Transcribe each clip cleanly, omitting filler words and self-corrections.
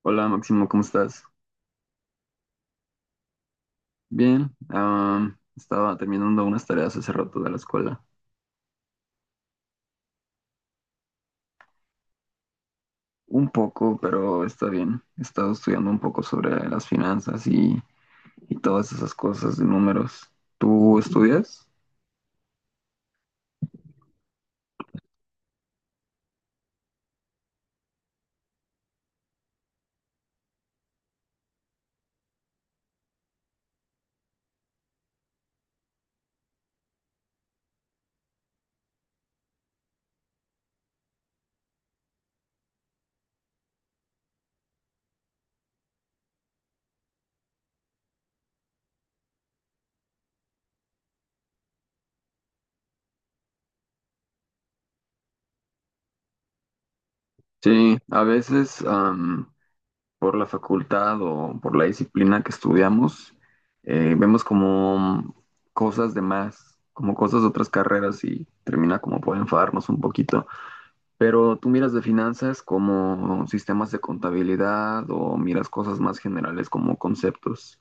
Hola Máximo, ¿cómo estás? Bien, estaba terminando unas tareas hace rato de la escuela. Un poco, pero está bien. He estado estudiando un poco sobre las finanzas y todas esas cosas de números. ¿Tú estudias? Sí, a veces por la facultad o por la disciplina que estudiamos, vemos como cosas de más, como cosas de otras carreras y termina como por enfadarnos un poquito. Pero tú miras de finanzas como sistemas de contabilidad o miras cosas más generales como conceptos.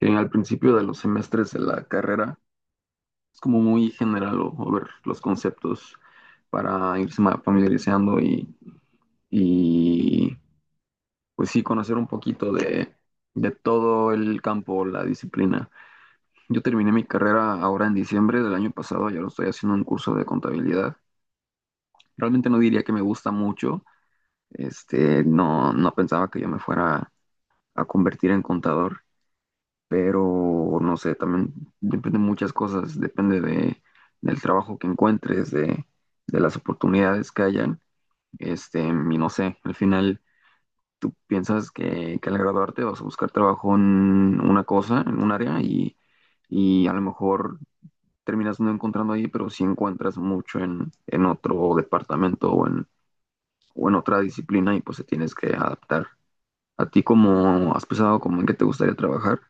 En al principio de los semestres de la carrera es como muy general o ver los conceptos para irse familiarizando y, pues sí conocer un poquito de todo el campo, la disciplina. Yo terminé mi carrera ahora en diciembre del año pasado, ya lo estoy haciendo un curso de contabilidad. Realmente no diría que me gusta mucho. No, no pensaba que yo me fuera a convertir en contador, pero no sé, también depende de muchas cosas, depende del trabajo que encuentres, de las oportunidades que hayan. Y no sé, al final tú piensas que al graduarte vas a buscar trabajo en una cosa, en un área, y a lo mejor terminas no encontrando ahí, pero sí encuentras mucho en otro departamento o en otra disciplina y pues te tienes que adaptar. ¿A ti cómo has pensado como en qué te gustaría trabajar?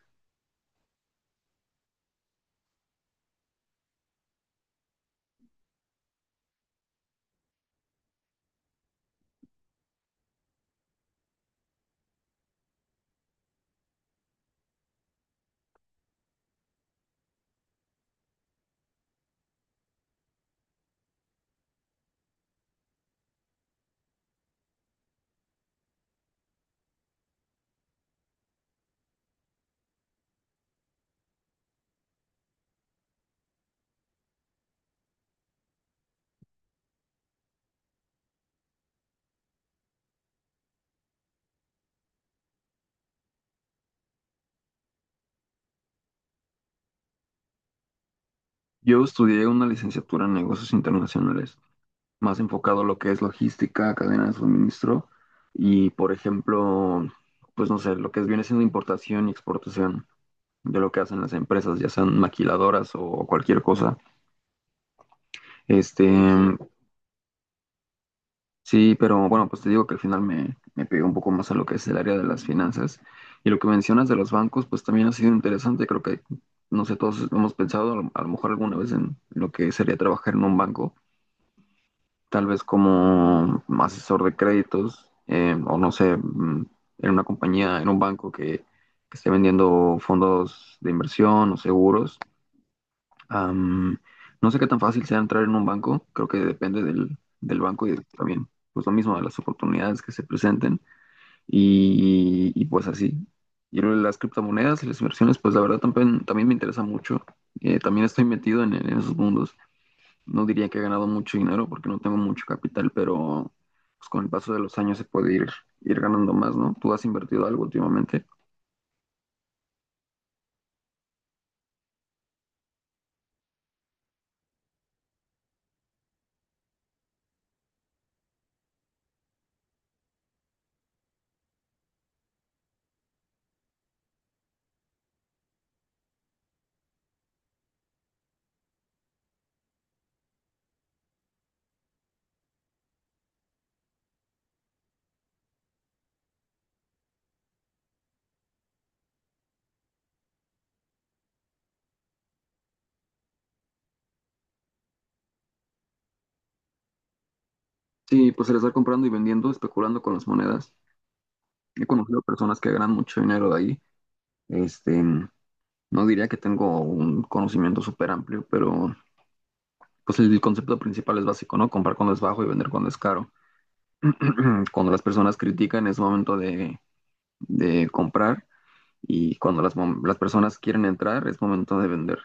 Yo estudié una licenciatura en negocios internacionales, más enfocado a lo que es logística, cadena de suministro y, por ejemplo, pues no sé, lo que es, viene siendo importación y exportación de lo que hacen las empresas, ya sean maquiladoras o cualquier cosa. Este, Sí, pero bueno, pues te digo que al final me pegué un poco más a lo que es el área de las finanzas. Y lo que mencionas de los bancos, pues también ha sido interesante. Creo que, no sé, todos hemos pensado a lo mejor alguna vez en lo que sería trabajar en un banco, tal vez como asesor de créditos, o no sé, en una compañía, en un banco que esté vendiendo fondos de inversión o seguros. Am, no sé qué tan fácil sea entrar en un banco, creo que depende del banco y también, pues lo mismo, de las oportunidades que se presenten pues así. Y lo de las criptomonedas y las inversiones, pues la verdad también me interesa mucho. También estoy metido en esos mundos. No diría que he ganado mucho dinero porque no tengo mucho capital, pero pues con el paso de los años se puede ir ganando más, ¿no? ¿Tú has invertido algo últimamente? Sí, pues el estar comprando y vendiendo, especulando con las monedas. He conocido personas que ganan mucho dinero de ahí. Este, no diría que tengo un conocimiento súper amplio, pero pues el concepto principal es básico, ¿no? Comprar cuando es bajo y vender cuando es caro. Cuando las personas critican es momento de comprar y cuando las personas quieren entrar es momento de vender.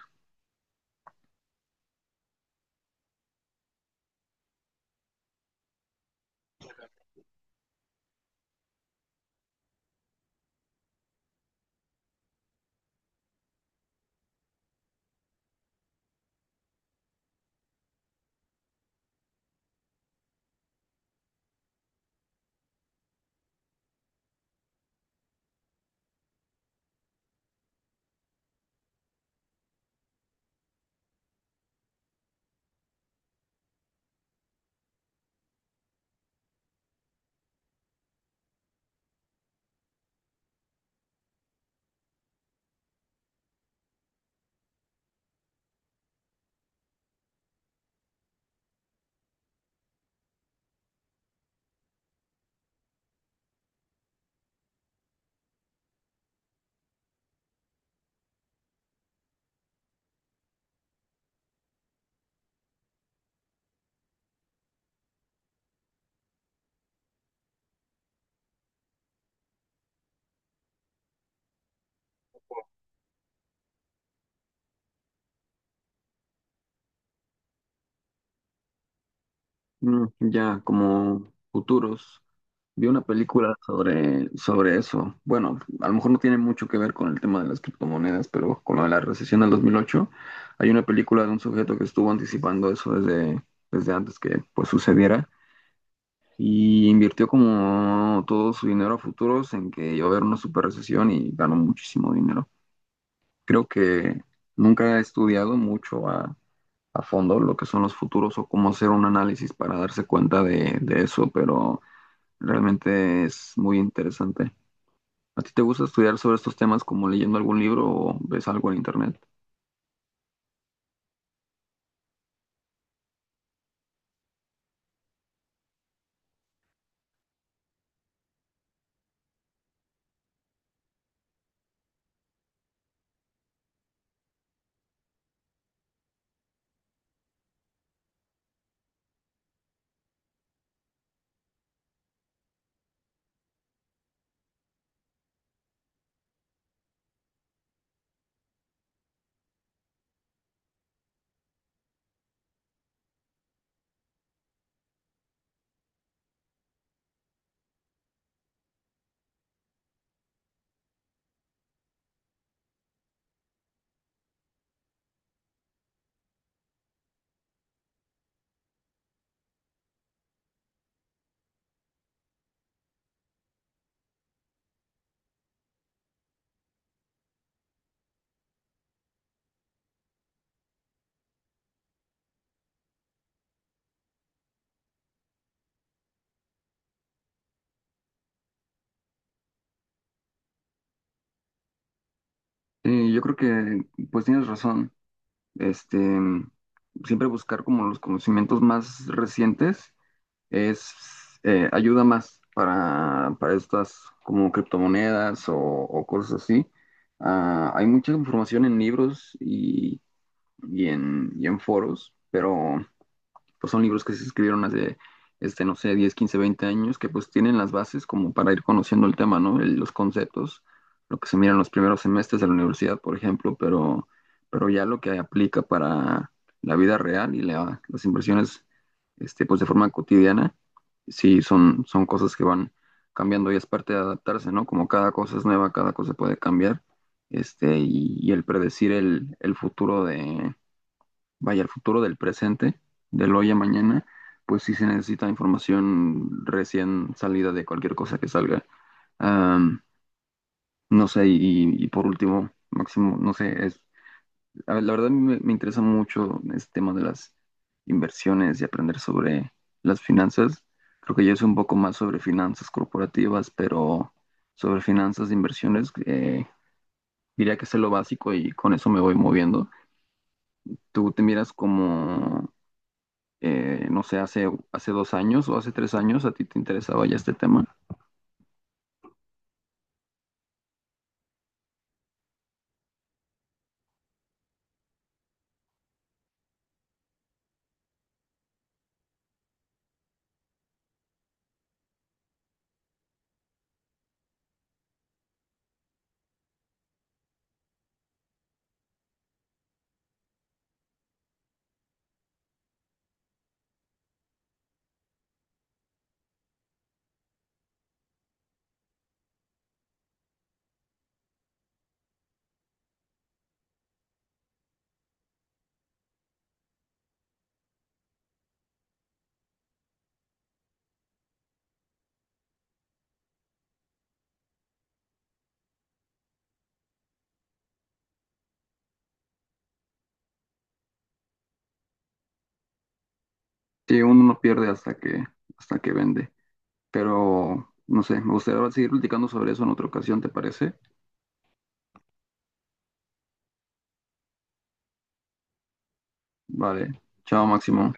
Ya como futuros. Vi una película sobre eso. Bueno, a lo mejor no tiene mucho que ver con el tema de las criptomonedas, pero con lo de la recesión del 2008, hay una película de un sujeto que estuvo anticipando eso desde antes que pues sucediera y invirtió como todo su dinero a futuros en que iba a haber una super recesión y ganó muchísimo dinero. Creo que nunca he estudiado mucho a fondo lo que son los futuros o cómo hacer un análisis para darse cuenta de eso, pero realmente es muy interesante. ¿A ti te gusta estudiar sobre estos temas como leyendo algún libro o ves algo en internet? Yo creo que pues tienes razón. Este, Siempre buscar como los conocimientos más recientes es ayuda más para estas como criptomonedas o cosas así. Ah, hay mucha información en libros y en foros, pero pues son libros que se escribieron hace, no sé, 10 15 20 años, que pues tienen las bases como para ir conociendo el tema, ¿no? Los conceptos, lo que se mira en los primeros semestres de la universidad, por ejemplo, pero ya lo que aplica para la vida real y las inversiones, pues de forma cotidiana, sí son cosas que van cambiando y es parte de adaptarse, ¿no? Como cada cosa es nueva, cada cosa puede cambiar, y el predecir el futuro de vaya, el futuro del presente, del hoy a mañana, pues sí se necesita información recién salida de cualquier cosa que salga. Am, no sé, y por último, Máximo, no sé, a ver, la verdad me interesa mucho este tema de las inversiones y aprender sobre las finanzas. Creo que yo sé un poco más sobre finanzas corporativas, pero sobre finanzas de inversiones, diría que sé lo básico y con eso me voy moviendo. ¿Tú te miras como no sé, hace 2 años o hace 3 años a ti te interesaba ya este tema? Sí, uno no pierde hasta que vende. Pero, no sé, me gustaría seguir platicando sobre eso en otra ocasión, ¿te parece? Vale, chao, Máximo.